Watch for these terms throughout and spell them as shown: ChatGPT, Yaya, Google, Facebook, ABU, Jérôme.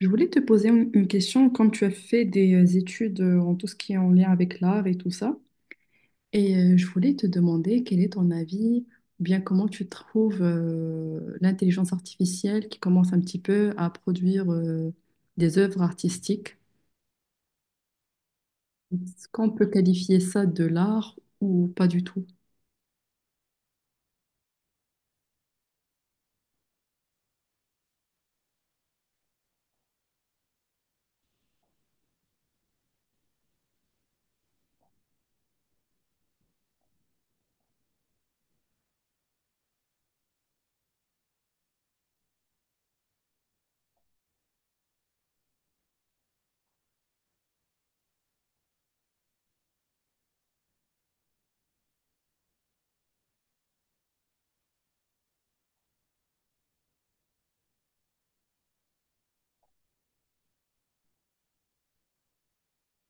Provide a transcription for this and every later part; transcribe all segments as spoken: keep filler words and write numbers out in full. Je voulais te poser une une question quand tu as fait des euh, études euh, en tout ce qui est en lien avec l'art et tout ça. Et euh, je voulais te demander quel est ton avis, ou bien comment tu trouves euh, l'intelligence artificielle qui commence un petit peu à produire euh, des œuvres artistiques. Est-ce qu'on peut qualifier ça de l'art ou pas du tout?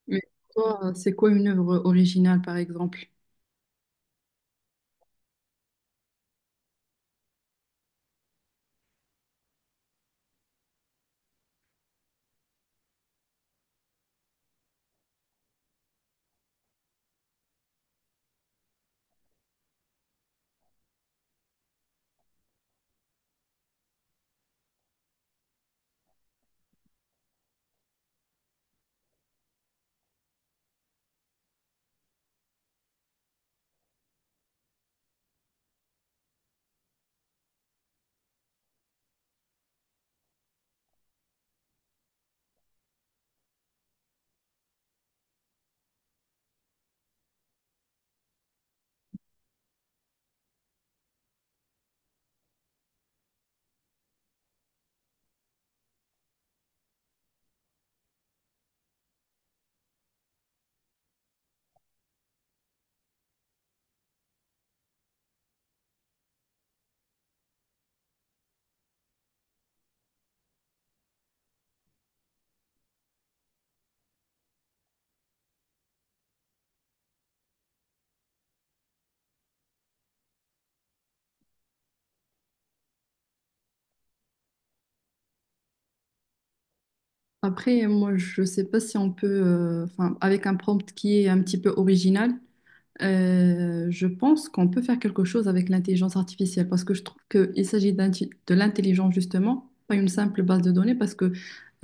Mais toi, euh, c'est quoi une œuvre originale, par exemple? Après, moi, je ne sais pas si on peut, euh, enfin, avec un prompt qui est un petit peu original. Euh, je pense qu'on peut faire quelque chose avec l'intelligence artificielle parce que je trouve qu'il s'agit d'inti- de l'intelligence justement, pas une simple base de données parce que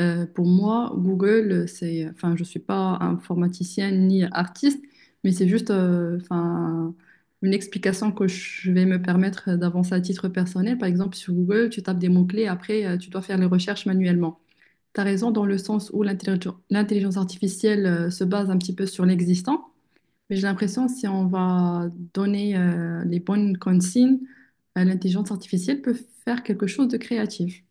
euh, pour moi, Google, euh, c'est, enfin, je ne suis pas informaticienne ni artiste, mais c'est juste euh, enfin, une explication que je vais me permettre d'avancer à titre personnel. Par exemple, sur Google, tu tapes des mots-clés, après, euh, tu dois faire les recherches manuellement. Tu as raison dans le sens où l'intelligence l'intelligence artificielle euh, se base un petit peu sur l'existant. Mais j'ai l'impression, si on va donner euh, les bonnes consignes, euh, l'intelligence artificielle peut faire quelque chose de créatif.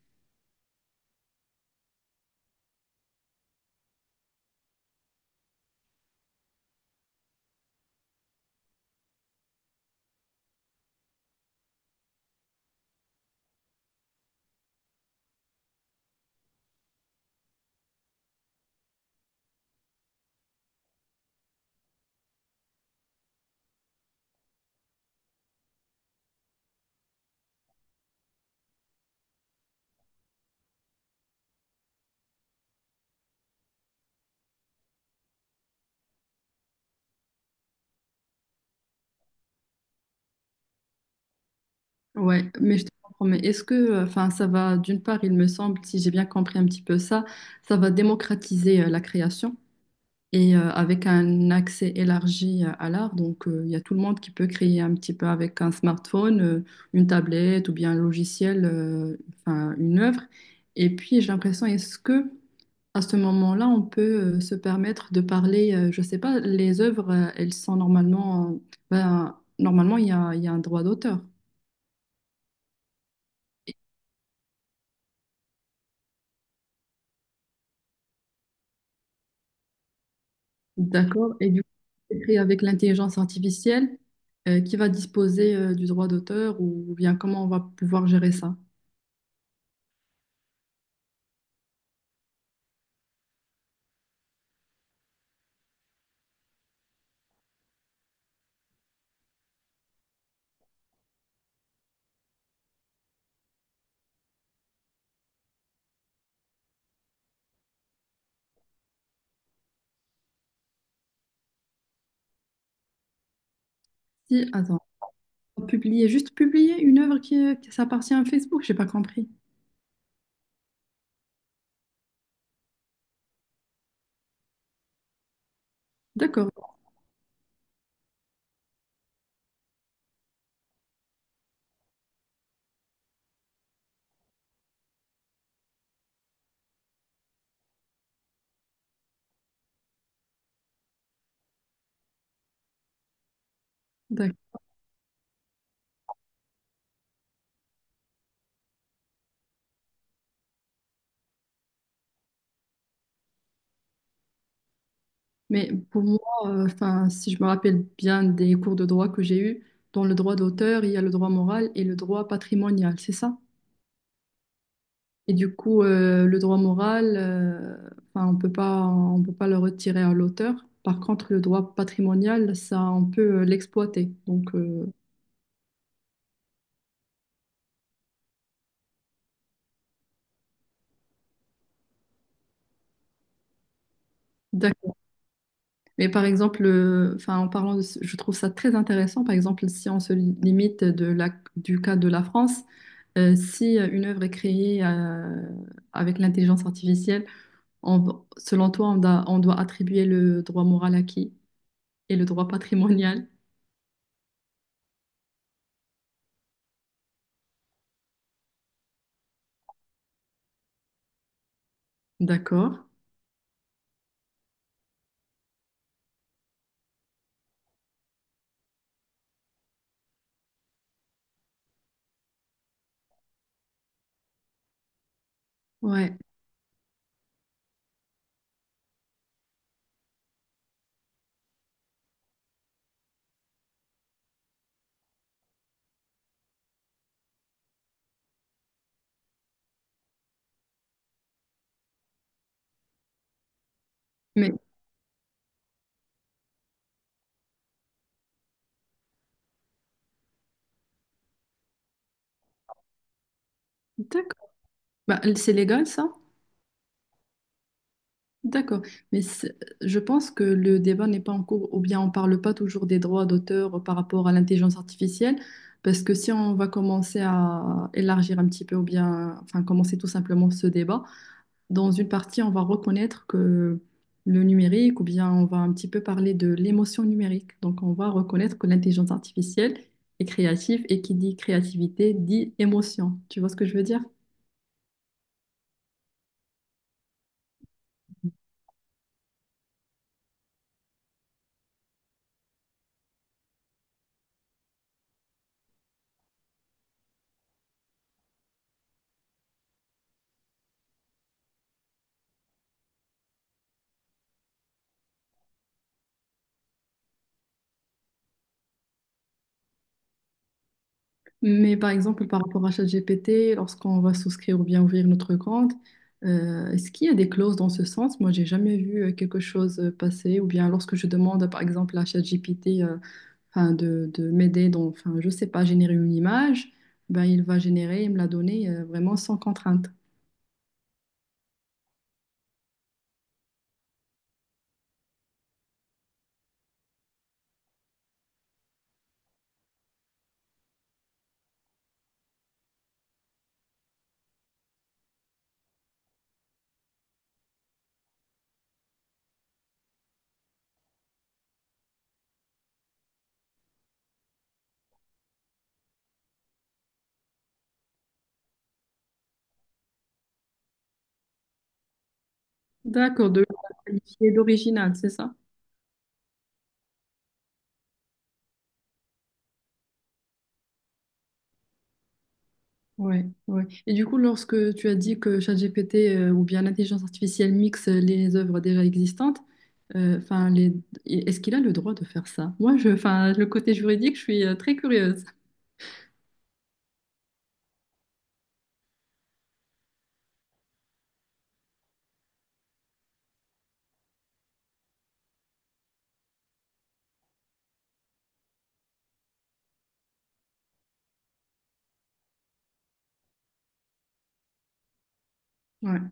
Ouais, mais je te comprends. Mais est-ce que, euh, enfin, ça va, d'une part, il me semble, si j'ai bien compris un petit peu ça, ça va démocratiser euh, la création et euh, avec un accès élargi euh, à l'art. Donc, euh, il y a tout le monde qui peut créer un petit peu avec un smartphone, euh, une tablette ou bien un logiciel, euh, enfin, une œuvre. Et puis, j'ai l'impression, est-ce que à ce moment-là, on peut euh, se permettre de parler, euh, je sais pas, les œuvres, euh, elles sont normalement, euh, ben, normalement, il y a, il y a un droit d'auteur. D'accord? Et du coup, c'est écrit avec l'intelligence artificielle, euh, qui va disposer, euh, du droit d'auteur ou bien comment on va pouvoir gérer ça? Si, attends, publier, juste publier une œuvre qui, euh, qui s'appartient à Facebook, j'ai pas compris. D'accord, d'accord. Mais pour moi, euh, enfin, si je me rappelle bien des cours de droit que j'ai eus, dans le droit d'auteur, il y a le droit moral et le droit patrimonial, c'est ça? Et du coup, euh, le droit moral, euh, 'fin, on peut pas, on peut pas le retirer à l'auteur. Par contre, le droit patrimonial, ça, on peut euh, l'exploiter. Donc, euh, d'accord. Mais par exemple, euh, enfin, en parlant de, ce- je trouve ça très intéressant. Par exemple, si on se limite de la, du cas de la France, euh, si une œuvre est créée euh, avec l'intelligence artificielle, On- selon toi, on doit, on doit attribuer le droit moral à qui? Et le droit patrimonial? D'accord. Ouais. Mais d'accord. Bah, c'est légal, ça? D'accord. Mais c'est- je pense que le débat n'est pas en cours, ou bien on ne parle pas toujours des droits d'auteur par rapport à l'intelligence artificielle, parce que si on va commencer à élargir un petit peu, ou bien, enfin, commencer tout simplement ce débat, dans une partie, on va reconnaître que le numérique, ou bien on va un petit peu parler de l'émotion numérique. Donc, on va reconnaître que l'intelligence artificielle est créative et qui dit créativité dit émotion. Tu vois ce que je veux dire? Mais par exemple, par rapport à ChatGPT, lorsqu'on va souscrire ou bien ouvrir notre compte, euh, est-ce qu'il y a des clauses dans ce sens? Moi, j'ai jamais vu euh, quelque chose euh, passer. Ou bien lorsque je demande, par exemple, à ChatGPT euh, enfin, de, de m'aider dans, enfin, je sais pas, générer une image, ben, il va générer et me la donner euh, vraiment sans contrainte. D'accord, de la qualifier d'original, c'est ça? Ouais, ouais. Et du coup, lorsque tu as dit que ChatGPT euh, ou bien l'intelligence artificielle mixe les œuvres déjà existantes, euh, enfin, les... est-ce qu'il a le droit de faire ça? Moi, je, enfin, le côté juridique, je suis euh, très curieuse. Ouais.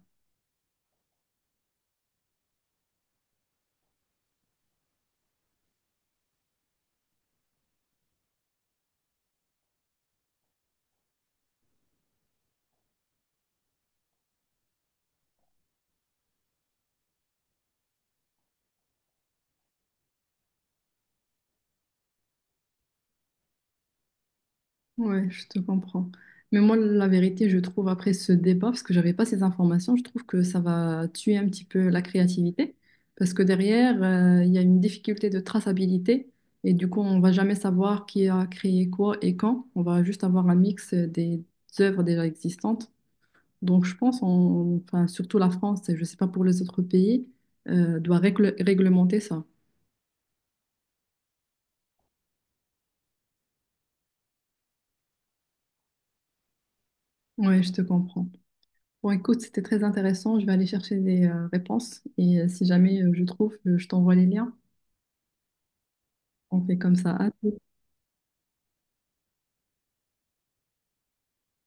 Ouais, je te comprends. Mais moi, la vérité, je trouve, après ce débat, parce que j'avais pas ces informations, je trouve que ça va tuer un petit peu la créativité, parce que derrière, euh, il y a une difficulté de traçabilité, et du coup, on va jamais savoir qui a créé quoi et quand. On va juste avoir un mix des œuvres déjà existantes. Donc, je pense, on- enfin, surtout la France, et je sais pas pour les autres pays, euh, doit règle- réglementer ça. Ouais, je te comprends. Bon, écoute, c'était très intéressant. Je vais aller chercher des euh, réponses et euh, si jamais euh, je trouve, euh, je t'envoie les liens. On fait comme ça. À